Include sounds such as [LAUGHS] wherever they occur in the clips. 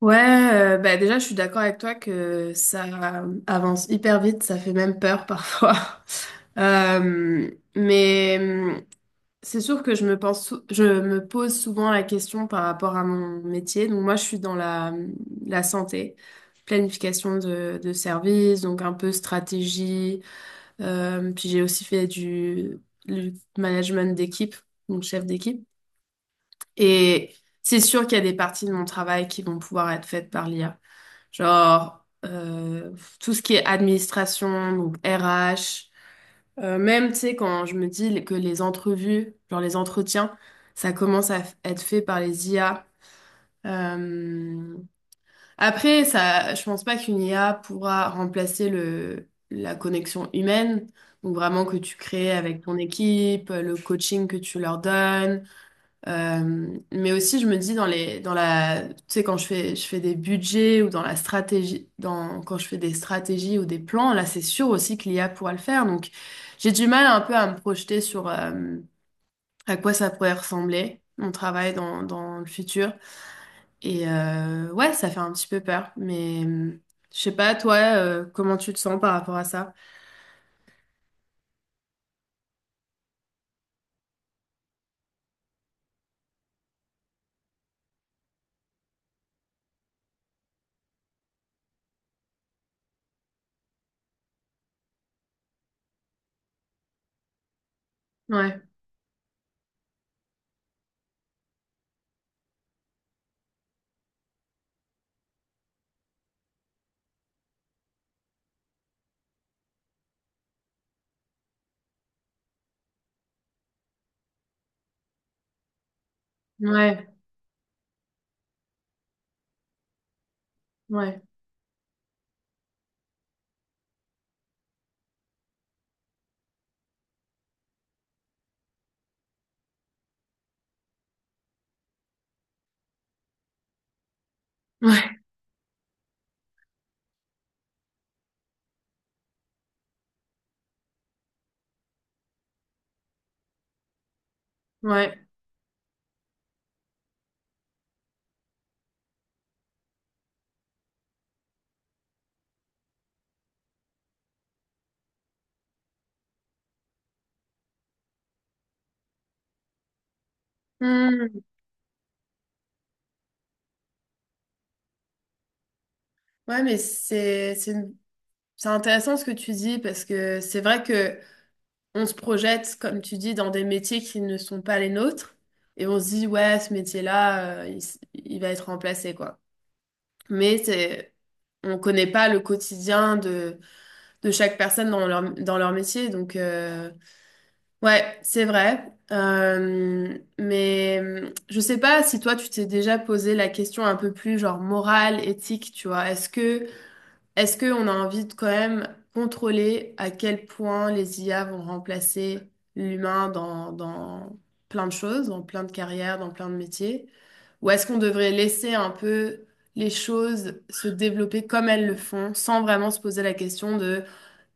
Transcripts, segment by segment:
Ouais, bah déjà, je suis d'accord avec toi que ça avance hyper vite, ça fait même peur parfois. [LAUGHS] Euh, mais c'est sûr que je me pose souvent la question par rapport à mon métier. Donc moi, je suis dans la santé, planification de services, donc un peu stratégie. Puis j'ai aussi fait du management d'équipe, donc chef d'équipe. Et c'est sûr qu'il y a des parties de mon travail qui vont pouvoir être faites par l'IA. Genre, tout ce qui est administration, donc RH, même, tu sais, quand je me dis que les entrevues, genre les entretiens, ça commence être fait par les IA. Euh, Après, ça, je pense pas qu'une IA pourra remplacer la connexion humaine, donc vraiment que tu crées avec ton équipe, le coaching que tu leur donnes, mais aussi, je me dis dans les, dans la, tu sais, je fais des budgets ou dans la stratégie, quand je fais des stratégies ou des plans, là, c'est sûr aussi que l'IA pourra le faire. Donc, j'ai du mal un peu à me projeter sur à quoi ça pourrait ressembler, mon travail dans le futur. Et ouais, ça fait un petit peu peur. Mais je sais pas, toi, comment tu te sens par rapport à ça? Ouais, ouais, ouais, ouais, ouais. Hmm. Ouais, mais c'est intéressant ce que tu dis parce que c'est vrai que on se projette, comme tu dis, dans des métiers qui ne sont pas les nôtres et on se dit ouais, ce métier-là, il va être remplacé quoi. Mais c'est, on connaît pas le quotidien de chaque personne dans leur métier, donc ouais, c'est vrai. Mais je sais pas si toi tu t'es déjà posé la question un peu plus genre morale, éthique, tu vois. Est-ce qu'on a envie de quand même contrôler à quel point les IA vont remplacer l'humain dans plein de choses, dans plein de carrières, dans plein de métiers? Ou est-ce qu'on devrait laisser un peu les choses se développer comme elles le font, sans vraiment se poser la question de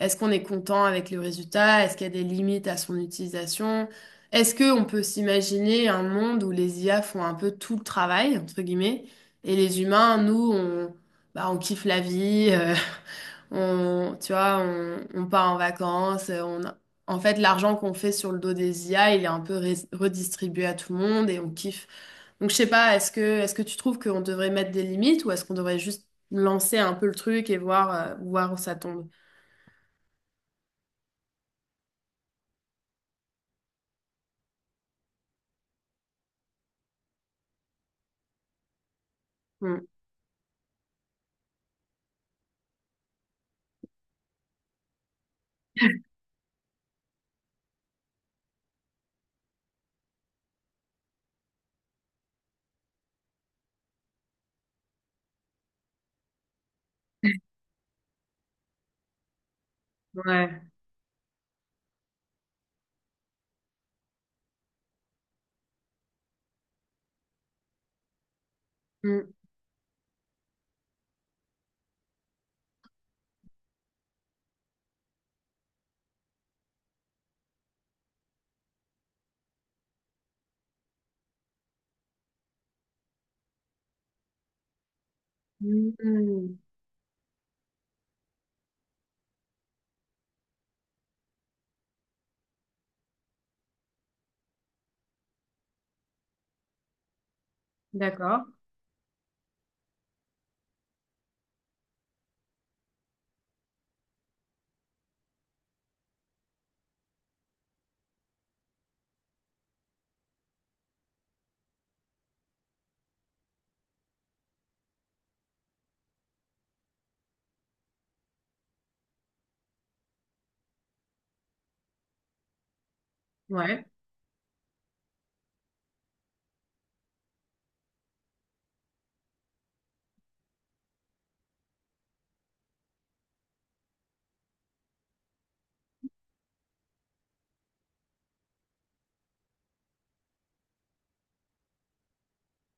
est-ce qu'on est content avec le résultat? Est-ce qu'il y a des limites à son utilisation? Est-ce qu'on peut s'imaginer un monde où les IA font un peu tout le travail, entre guillemets, et les humains, nous, on, bah, on kiffe la vie, [LAUGHS] on part en vacances, en fait, l'argent qu'on fait sur le dos des IA, il est un peu redistribué à tout le monde et on kiffe. Donc, je sais pas, est-ce que tu trouves qu'on devrait mettre des limites ou est-ce qu'on devrait juste lancer un peu le truc et voir, voir où ça tombe? Hmm. Ouais. Mm, mm. D'accord. Ouais,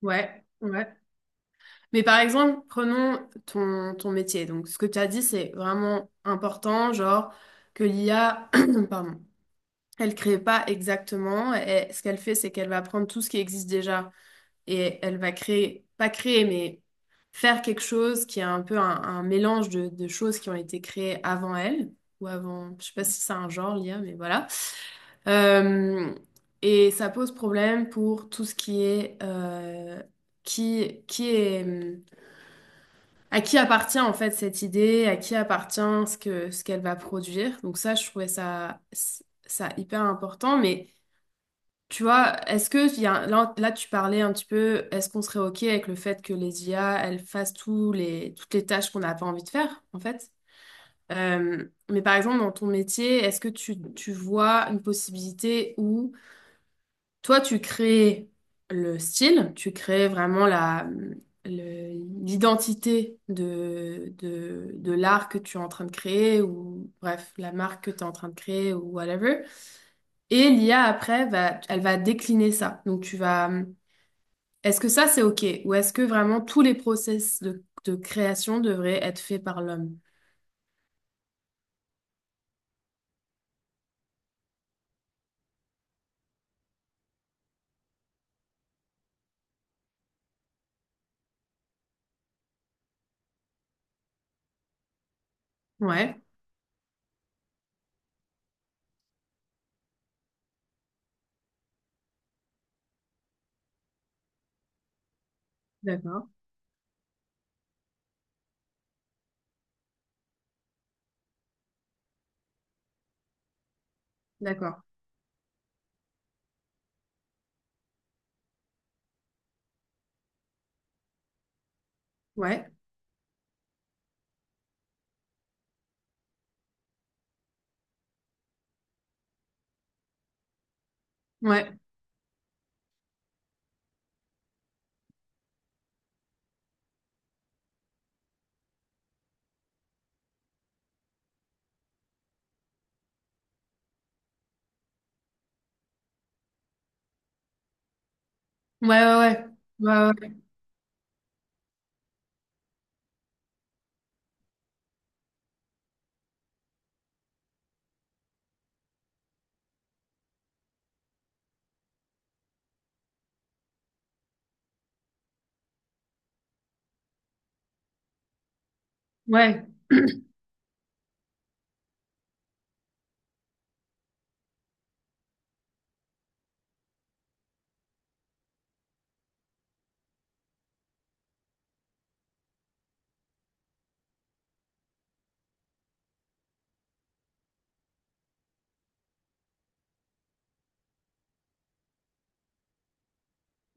ouais, ouais. Mais par exemple, prenons ton métier. Donc, ce que tu as dit, c'est vraiment important, genre que l'IA, [CLEARS THROAT] pardon, elle crée pas exactement. Et ce qu'elle fait, c'est qu'elle va prendre tout ce qui existe déjà et elle va créer, pas créer, mais faire quelque chose qui est un peu un mélange de choses qui ont été créées avant elle ou avant, je sais pas si c'est un genre, l'IA, mais voilà. Euh, et ça pose problème pour tout ce qui est qui est à qui appartient en fait cette idée, à qui appartient ce qu'elle va produire. Donc ça, je trouvais ça hyper important. Mais tu vois, est-ce que il y a, là, là tu parlais un petit peu, est-ce qu'on serait ok avec le fait que les IA elles fassent tous les toutes les tâches qu'on n'a pas envie de faire en fait? Mais par exemple, dans ton métier, est-ce que tu vois une possibilité où toi, tu crées le style, tu crées vraiment l'identité de l'art que tu es en train de créer, ou bref, la marque que tu es en train de créer, ou whatever. Et l'IA, après, elle va décliner ça. Donc, tu vas... Est-ce que ça, c'est OK? Ou est-ce que vraiment tous les process de création devraient être faits par l'homme? Ouais, d'accord, d'accord. Ouais, ouais, ouais, ouais, ouais, ouais, ouais. Ouais.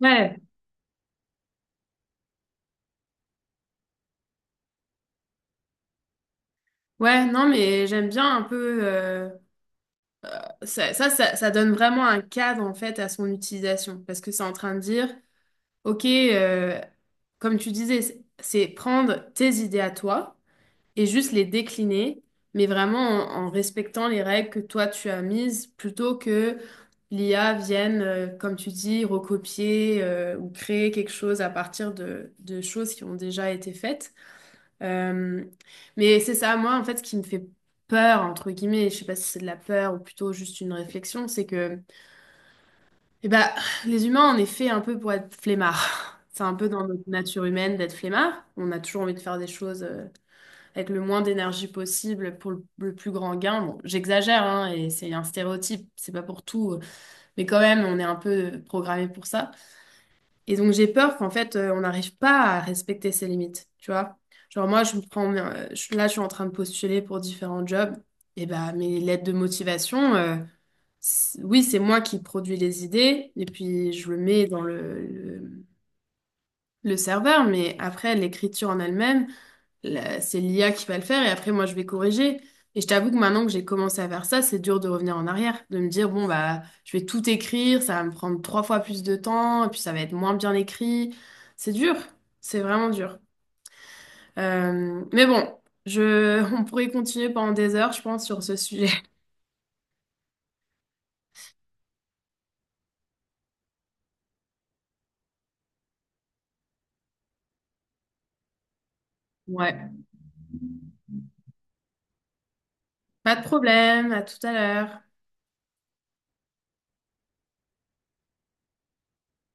Ouais. [CLEARS THROAT] Ouais, non, mais j'aime bien un peu. Ça ça donne vraiment un cadre en fait à son utilisation parce que c'est en train de dire, ok, comme tu disais, c'est prendre tes idées à toi et juste les décliner, mais vraiment en respectant les règles que toi tu as mises plutôt que l'IA vienne, comme tu dis, recopier ou créer quelque chose à partir de choses qui ont déjà été faites. Euh, mais c'est ça, moi, en fait, ce qui me fait peur, entre guillemets, je sais pas si c'est de la peur ou plutôt juste une réflexion, c'est que eh ben, les humains, on est fait un peu pour être flemmards. [LAUGHS] C'est un peu dans notre nature humaine d'être flemmard. On a toujours envie de faire des choses avec le moins d'énergie possible pour le plus grand gain. Bon, j'exagère, hein, et c'est un stéréotype, c'est pas pour tout, mais quand même, on est un peu programmé pour ça. Et donc j'ai peur qu'en fait on n'arrive pas à respecter ses limites, tu vois. Genre moi je me prends là je suis en train de postuler pour différents jobs et bah mes lettres de motivation oui, c'est moi qui produis les idées et puis je le mets dans le serveur mais après l'écriture en elle-même, c'est l'IA qui va le faire et après moi je vais corriger. Et je t'avoue que maintenant que j'ai commencé à faire ça, c'est dur de revenir en arrière, de me dire bon bah je vais tout écrire, ça va me prendre 3 fois plus de temps et puis ça va être moins bien écrit. C'est dur, c'est vraiment dur. Mais bon, [LAUGHS] on pourrait continuer pendant des heures, je pense, sur ce sujet. Ouais, pas de problème, à tout à l'heure.